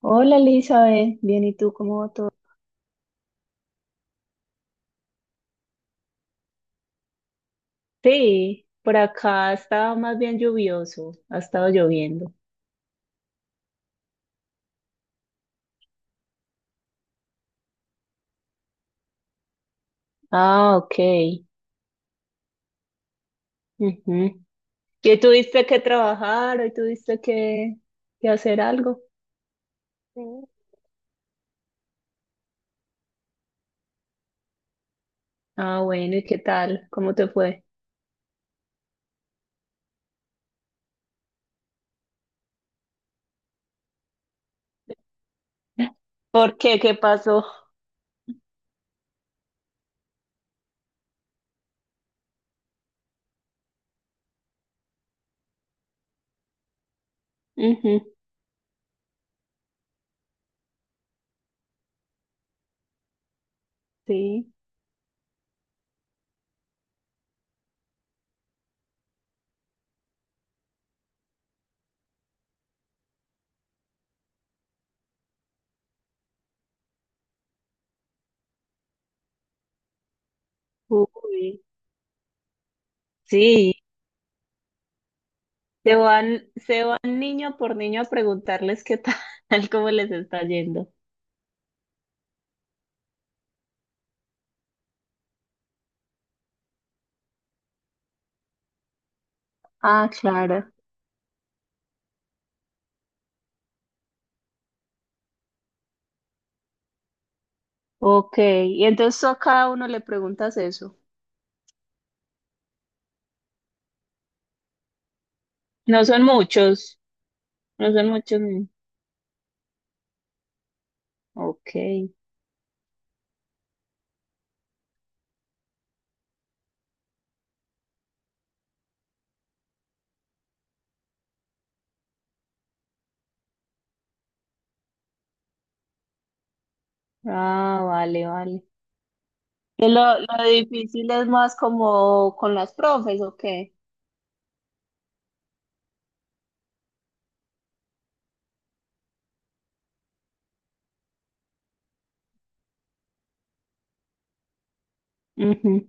Hola Elizabeth, bien, ¿y tú cómo va todo? Sí, por acá estaba más bien lluvioso, ha estado lloviendo. Ah, ok. Ujú. ¿Y tuviste que trabajar? ¿Hoy que hacer algo? Sí. Ah, bueno, ¿y qué tal? ¿Cómo te fue? ¿Por qué? ¿Qué pasó? Ujú. Sí. Uy, sí, se van niño por niño a preguntarles qué tal, cómo les está yendo. Ah, claro. Ok. Y entonces tú a cada uno le preguntas eso. No son muchos, no son muchos. Ni- Ok. Ah, vale, vale. Que lo difícil es más como con las profes, ¿o qué? Ujú.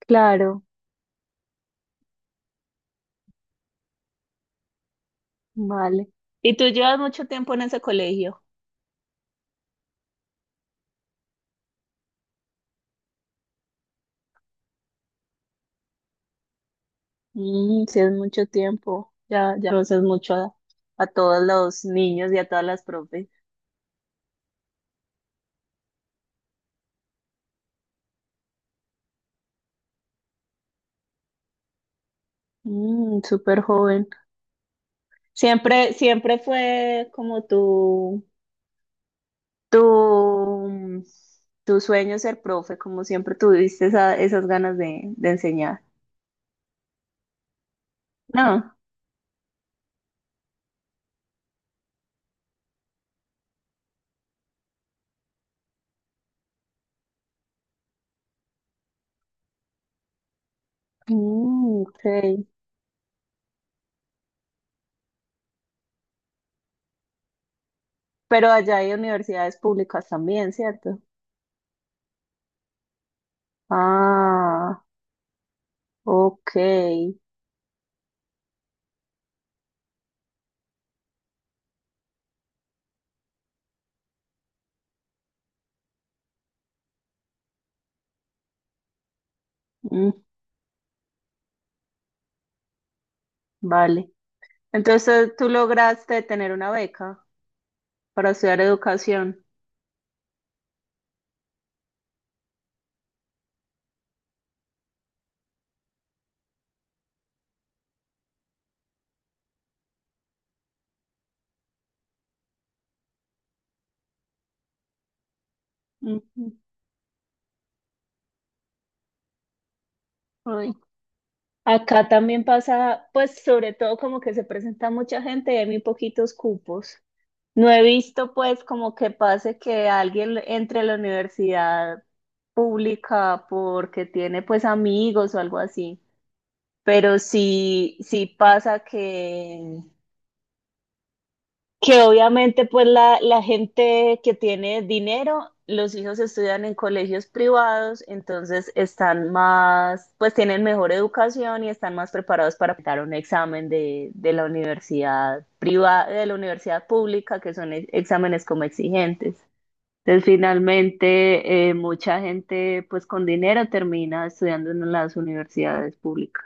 Claro, vale. ¿Y tú llevas mucho tiempo en ese colegio? Mm, sí, es mucho tiempo. Ya, ya conoces a todos los niños y a todas las profes. Mm, súper joven. Siempre, siempre fue como tú. Tu, tu sueño es ser profe, como siempre tuviste esas ganas de enseñar. No. Mm, ok. Pero allá hay universidades públicas también, ¿cierto? Ah, ok. Mm, vale. Entonces tú lograste tener una beca para estudiar educación. Ujú. Ay, acá también pasa, pues sobre todo como que se presenta mucha gente y hay muy poquitos cupos. No he visto pues como que pase que alguien entre a la universidad pública porque tiene pues amigos o algo así, pero sí, sí pasa que obviamente pues la gente que tiene dinero, los hijos estudian en colegios privados, entonces están más, pues tienen mejor educación y están más preparados para dar un examen de la universidad privada, de la universidad pública, que son exámenes como exigentes. Entonces, finalmente, mucha gente pues con dinero termina estudiando en las universidades públicas.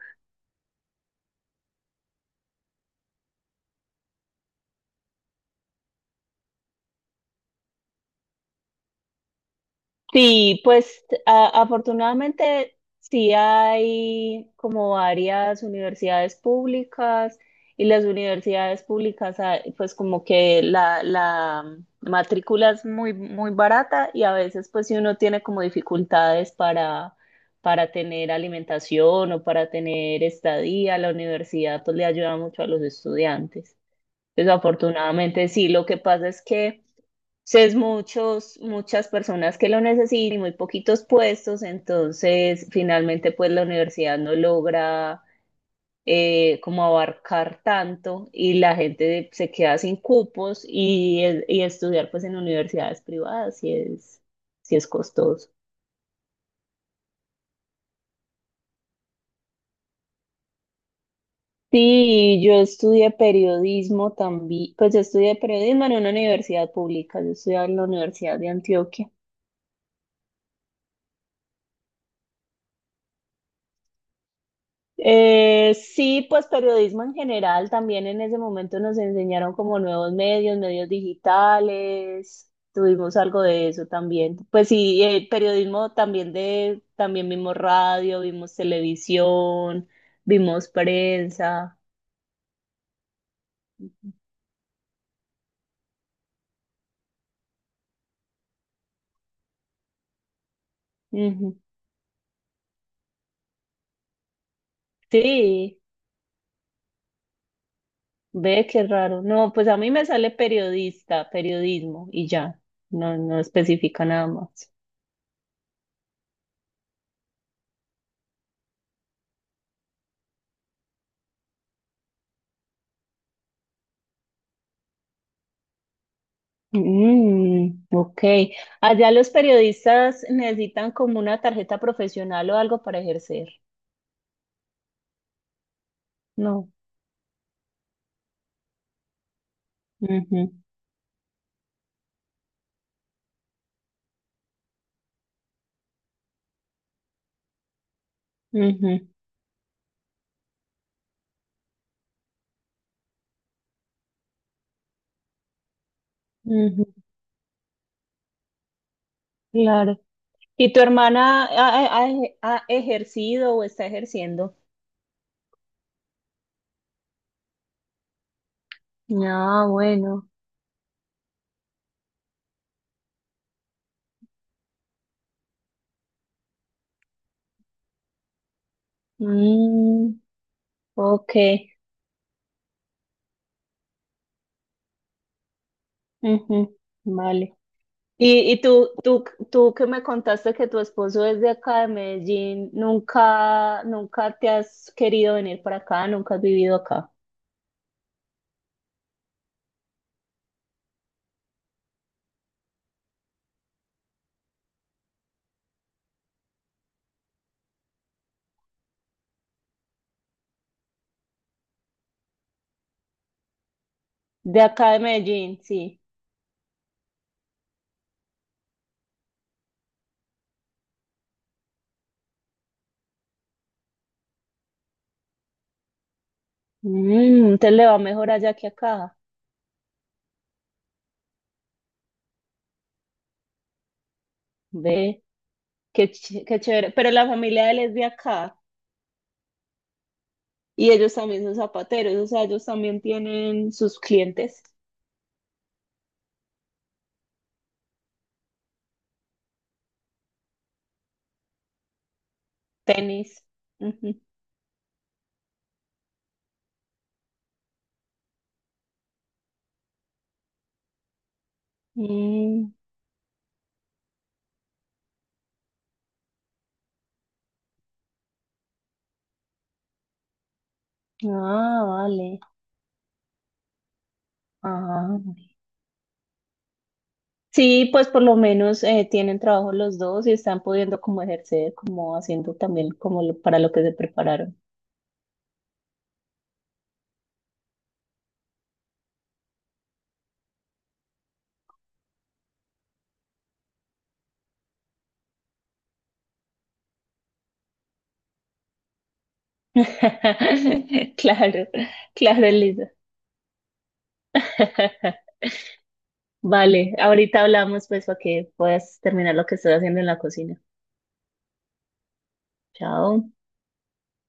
Sí, pues afortunadamente sí hay como varias universidades públicas y las universidades públicas ah, pues como que la matrícula es muy, muy barata y a veces pues si uno tiene como dificultades para tener alimentación o para tener estadía, la universidad pues le ayuda mucho a los estudiantes. Entonces afortunadamente sí, lo que pasa es que… Entonces, muchas personas que lo necesitan y muy poquitos puestos, entonces finalmente pues la universidad no logra como abarcar tanto y la gente se queda sin cupos y estudiar pues en universidades privadas si si es costoso. Sí, yo estudié periodismo también, pues yo estudié periodismo en una universidad pública, yo estudié en la Universidad de Antioquia. Sí, pues periodismo en general, también en ese momento nos enseñaron como nuevos medios, medios digitales, tuvimos algo de eso también. Pues sí, periodismo también también vimos radio, vimos televisión, vimos prensa. Ujú. Sí, ve qué raro. No, pues a mí me sale periodista, periodismo y ya, no especifica nada más. Mm, ok. Allá los periodistas necesitan como una tarjeta profesional o algo para ejercer. No. Ujú, ujú, ujú, claro. ¿Y tu hermana ha ejercido o está ejerciendo? Ah, bueno. Mm, ok. Ujú, vale. ¿Y tú que me contaste que tu esposo es de acá de Medellín, nunca, nunca te has querido venir para acá, nunca has vivido acá? De acá de Medellín, sí. Mm, entonces le va mejor allá que acá. Ve, qué chévere. Pero la familia de él es de acá y ellos también son zapateros, o sea, ellos también tienen sus clientes, tenis. Ujú. Mm, ah, vale. Ah, vale, sí, pues por lo menos tienen trabajo los dos y están pudiendo como ejercer, como haciendo también como para lo que se prepararon. Claro, claro, Elisa. Vale, ahorita hablamos pues para que puedas terminar lo que estoy haciendo en la cocina. Chao.